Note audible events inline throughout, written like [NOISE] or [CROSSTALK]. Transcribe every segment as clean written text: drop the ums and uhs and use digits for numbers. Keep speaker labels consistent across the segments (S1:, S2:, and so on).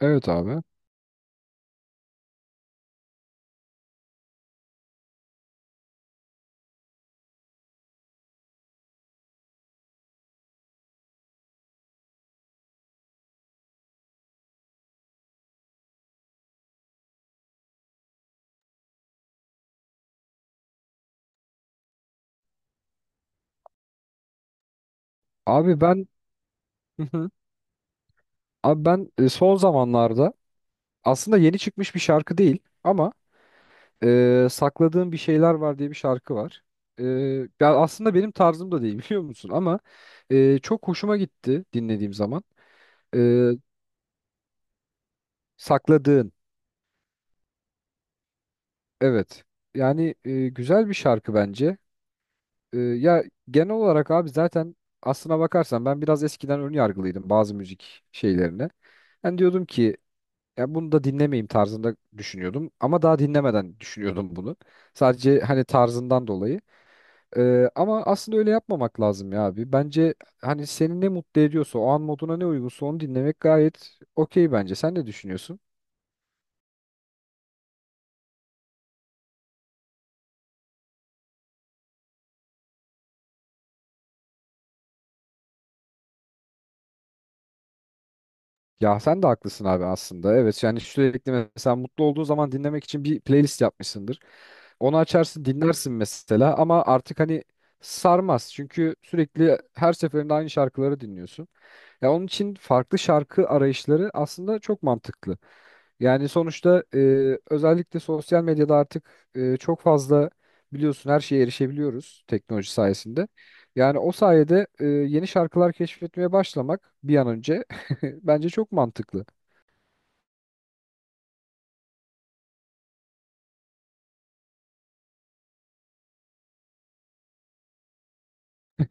S1: Evet abi. Abi ben. Hı hı. Abi ben son zamanlarda aslında yeni çıkmış bir şarkı değil ama sakladığım bir şeyler var diye bir şarkı var. E, Ya aslında benim tarzım da değil [LAUGHS] biliyor musun ama çok hoşuma gitti dinlediğim zaman. E, Sakladığın evet. Yani güzel bir şarkı bence. Ya genel olarak abi zaten aslına bakarsan ben biraz eskiden ön yargılıydım bazı müzik şeylerine. Ben diyordum ki ya bunu da dinlemeyeyim tarzında düşünüyordum. Ama daha dinlemeden düşünüyordum bunu. Sadece hani tarzından dolayı. Ama aslında öyle yapmamak lazım ya abi. Bence hani seni ne mutlu ediyorsa o an moduna ne uygunsa onu dinlemek gayet okey bence. Sen ne düşünüyorsun? Ya sen de haklısın abi aslında. Evet yani sürekli mesela mutlu olduğu zaman dinlemek için bir playlist yapmışsındır. Onu açarsın dinlersin mesela ama artık hani sarmaz. Çünkü sürekli her seferinde aynı şarkıları dinliyorsun. Ya onun için farklı şarkı arayışları aslında çok mantıklı. Yani sonuçta özellikle sosyal medyada artık çok fazla biliyorsun her şeye erişebiliyoruz teknoloji sayesinde. Yani o sayede yeni şarkılar keşfetmeye başlamak bir an önce [LAUGHS] bence çok mantıklı.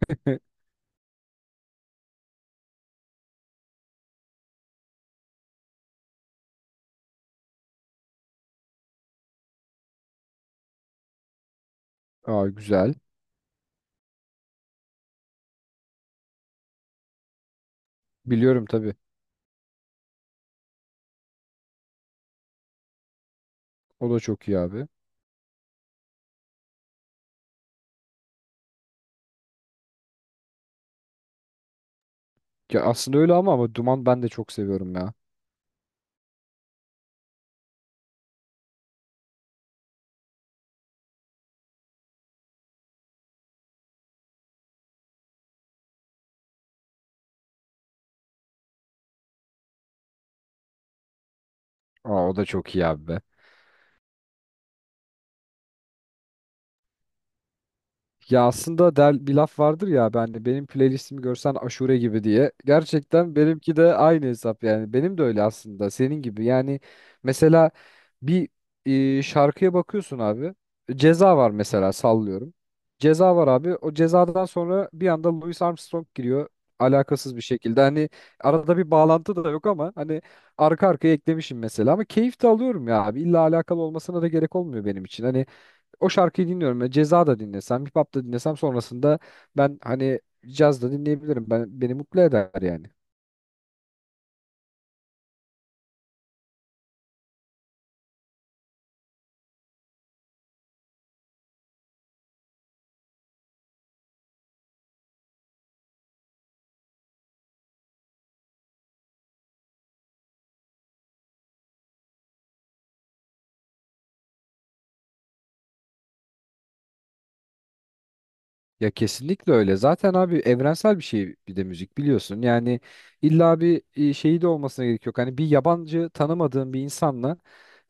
S1: [LAUGHS] Aa güzel. Biliyorum tabii. O da çok iyi abi. Ya aslında öyle ama Duman ben de çok seviyorum ya. Aa o da çok iyi abi be. Ya aslında der, bir laf vardır ya ben de benim playlistimi görsen aşure gibi diye. Gerçekten benimki de aynı hesap yani. Benim de öyle aslında senin gibi. Yani mesela bir şarkıya bakıyorsun abi. Ceza var mesela sallıyorum. Ceza var abi. O cezadan sonra bir anda Louis Armstrong giriyor alakasız bir şekilde. Hani arada bir bağlantı da yok ama hani arka arkaya eklemişim mesela ama keyif de alıyorum ya abi. İlla alakalı olmasına da gerek olmuyor benim için. Hani o şarkıyı dinliyorum. Ya Ceza da dinlesem, hip hop da dinlesem sonrasında ben hani caz da dinleyebilirim. Beni mutlu eder yani. Ya kesinlikle öyle. Zaten abi evrensel bir şey bir de müzik biliyorsun. Yani illa bir şeyi de olmasına gerek yok. Hani bir yabancı tanımadığın bir insanla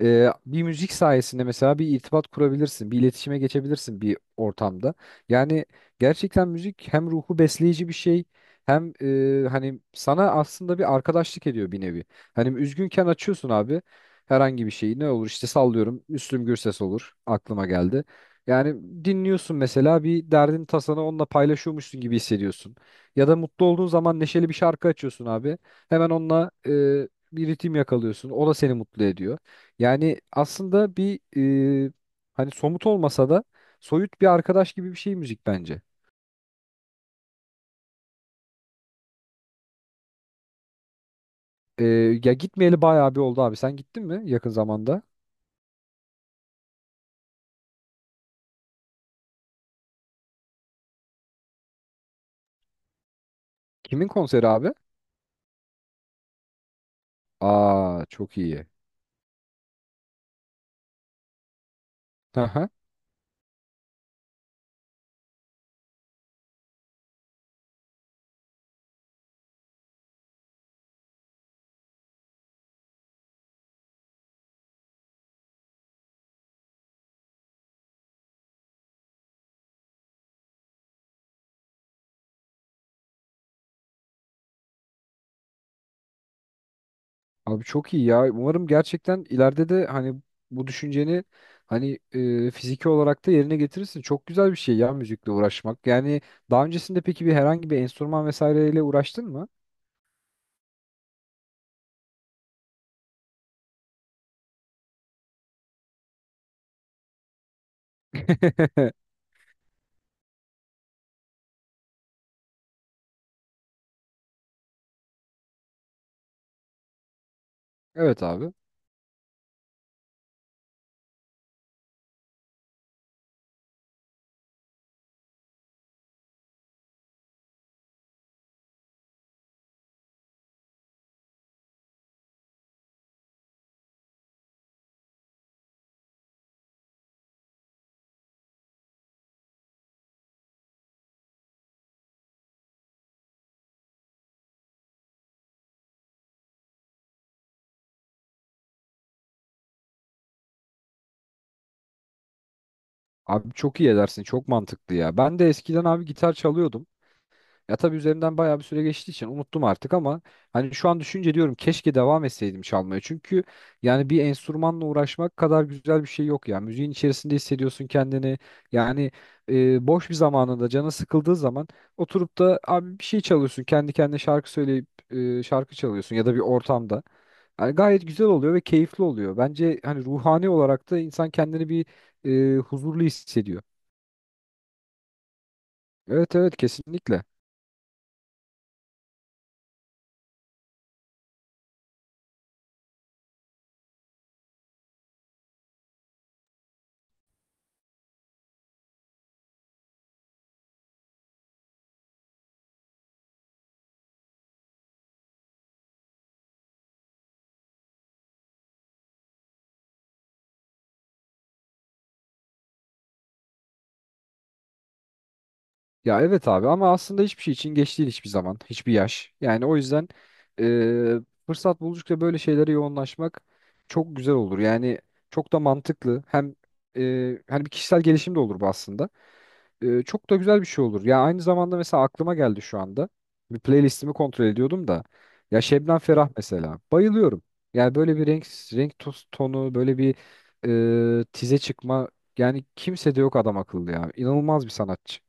S1: bir müzik sayesinde mesela bir irtibat kurabilirsin, bir iletişime geçebilirsin bir ortamda. Yani gerçekten müzik hem ruhu besleyici bir şey hem hani sana aslında bir arkadaşlık ediyor bir nevi. Hani üzgünken açıyorsun abi herhangi bir şeyi ne olur işte sallıyorum Müslüm Gürses olur aklıma geldi. Yani dinliyorsun mesela bir derdin tasanı onunla paylaşıyormuşsun gibi hissediyorsun. Ya da mutlu olduğun zaman neşeli bir şarkı açıyorsun abi. Hemen onunla bir ritim yakalıyorsun. O da seni mutlu ediyor. Yani aslında bir e, hani somut olmasa da soyut bir arkadaş gibi bir şey müzik bence. E, Ya gitmeyeli bayağı bir oldu abi. Sen gittin mi yakın zamanda? Kimin konseri abi? Aa çok iyi. Aha. Abi çok iyi ya. Umarım gerçekten ileride de hani bu düşünceni hani fiziki olarak da yerine getirirsin. Çok güzel bir şey ya müzikle uğraşmak. Yani daha öncesinde peki bir herhangi bir enstrüman vesaireyle uğraştın mı? [LAUGHS] Evet abi. Abi çok iyi edersin. Çok mantıklı ya. Ben de eskiden abi gitar çalıyordum. Ya tabii üzerimden bayağı bir süre geçtiği için unuttum artık ama hani şu an düşünce diyorum keşke devam etseydim çalmaya. Çünkü yani bir enstrümanla uğraşmak kadar güzel bir şey yok ya. Müziğin içerisinde hissediyorsun kendini. Yani boş bir zamanında canın sıkıldığı zaman oturup da abi bir şey çalıyorsun. Kendi kendine şarkı söyleyip şarkı çalıyorsun ya da bir ortamda. Yani gayet güzel oluyor ve keyifli oluyor. Bence hani ruhani olarak da insan kendini bir huzurlu hissediyor. Evet, evet, kesinlikle. Ya evet abi ama aslında hiçbir şey için geç değil hiçbir zaman, hiçbir yaş. Yani o yüzden e, fırsat buldukça böyle şeylere yoğunlaşmak çok güzel olur. Yani çok da mantıklı. Hem hani bir kişisel gelişim de olur bu aslında. Çok da güzel bir şey olur. Ya aynı zamanda mesela aklıma geldi şu anda. Bir playlistimi kontrol ediyordum da. Ya Şebnem Ferah mesela. Bayılıyorum. Yani böyle bir tonu, böyle bir tize çıkma yani kimse de yok adam akıllı ya. İnanılmaz bir sanatçı.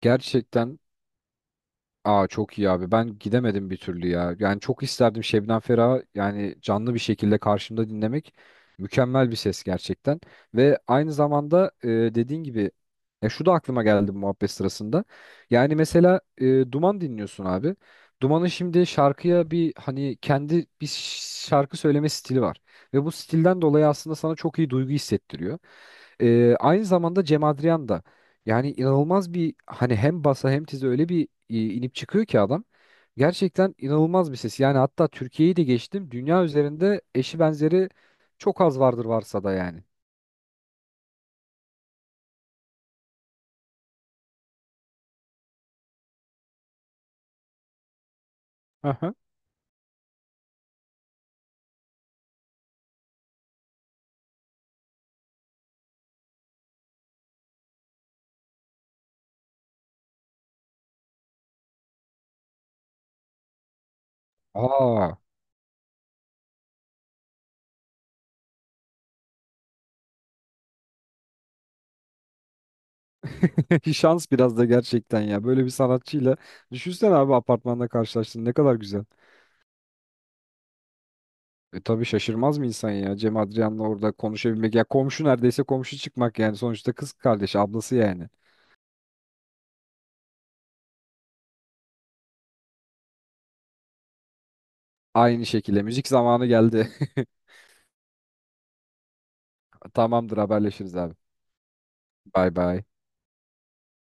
S1: Gerçekten. Aa çok iyi abi. Ben gidemedim bir türlü ya. Yani çok isterdim Şebnem Ferah'ı yani canlı bir şekilde karşımda dinlemek. Mükemmel bir ses gerçekten. Ve aynı zamanda dediğin gibi ya şu da aklıma geldi bu muhabbet sırasında. Yani mesela Duman dinliyorsun abi. Duman'ın şimdi şarkıya bir hani kendi bir şarkı söyleme stili var. Ve bu stilden dolayı aslında sana çok iyi duygu hissettiriyor. Aynı zamanda Cem Adrian da yani inanılmaz bir hani hem basa hem tize öyle bir inip çıkıyor ki adam. Gerçekten inanılmaz bir ses. Yani hatta Türkiye'yi de geçtim. Dünya üzerinde eşi benzeri çok az vardır varsa da yani. Aha. Aa. [LAUGHS] Şans biraz da gerçekten ya. Böyle bir sanatçıyla düşünsene abi apartmanda karşılaştın ne kadar güzel. E tabii şaşırmaz mı insan ya Cem Adrian'la orada konuşabilmek ya komşu neredeyse komşu çıkmak yani sonuçta kız kardeşi ablası yani. Aynı şekilde müzik zamanı geldi. [LAUGHS] Tamamdır, haberleşiriz abi. Bay bay.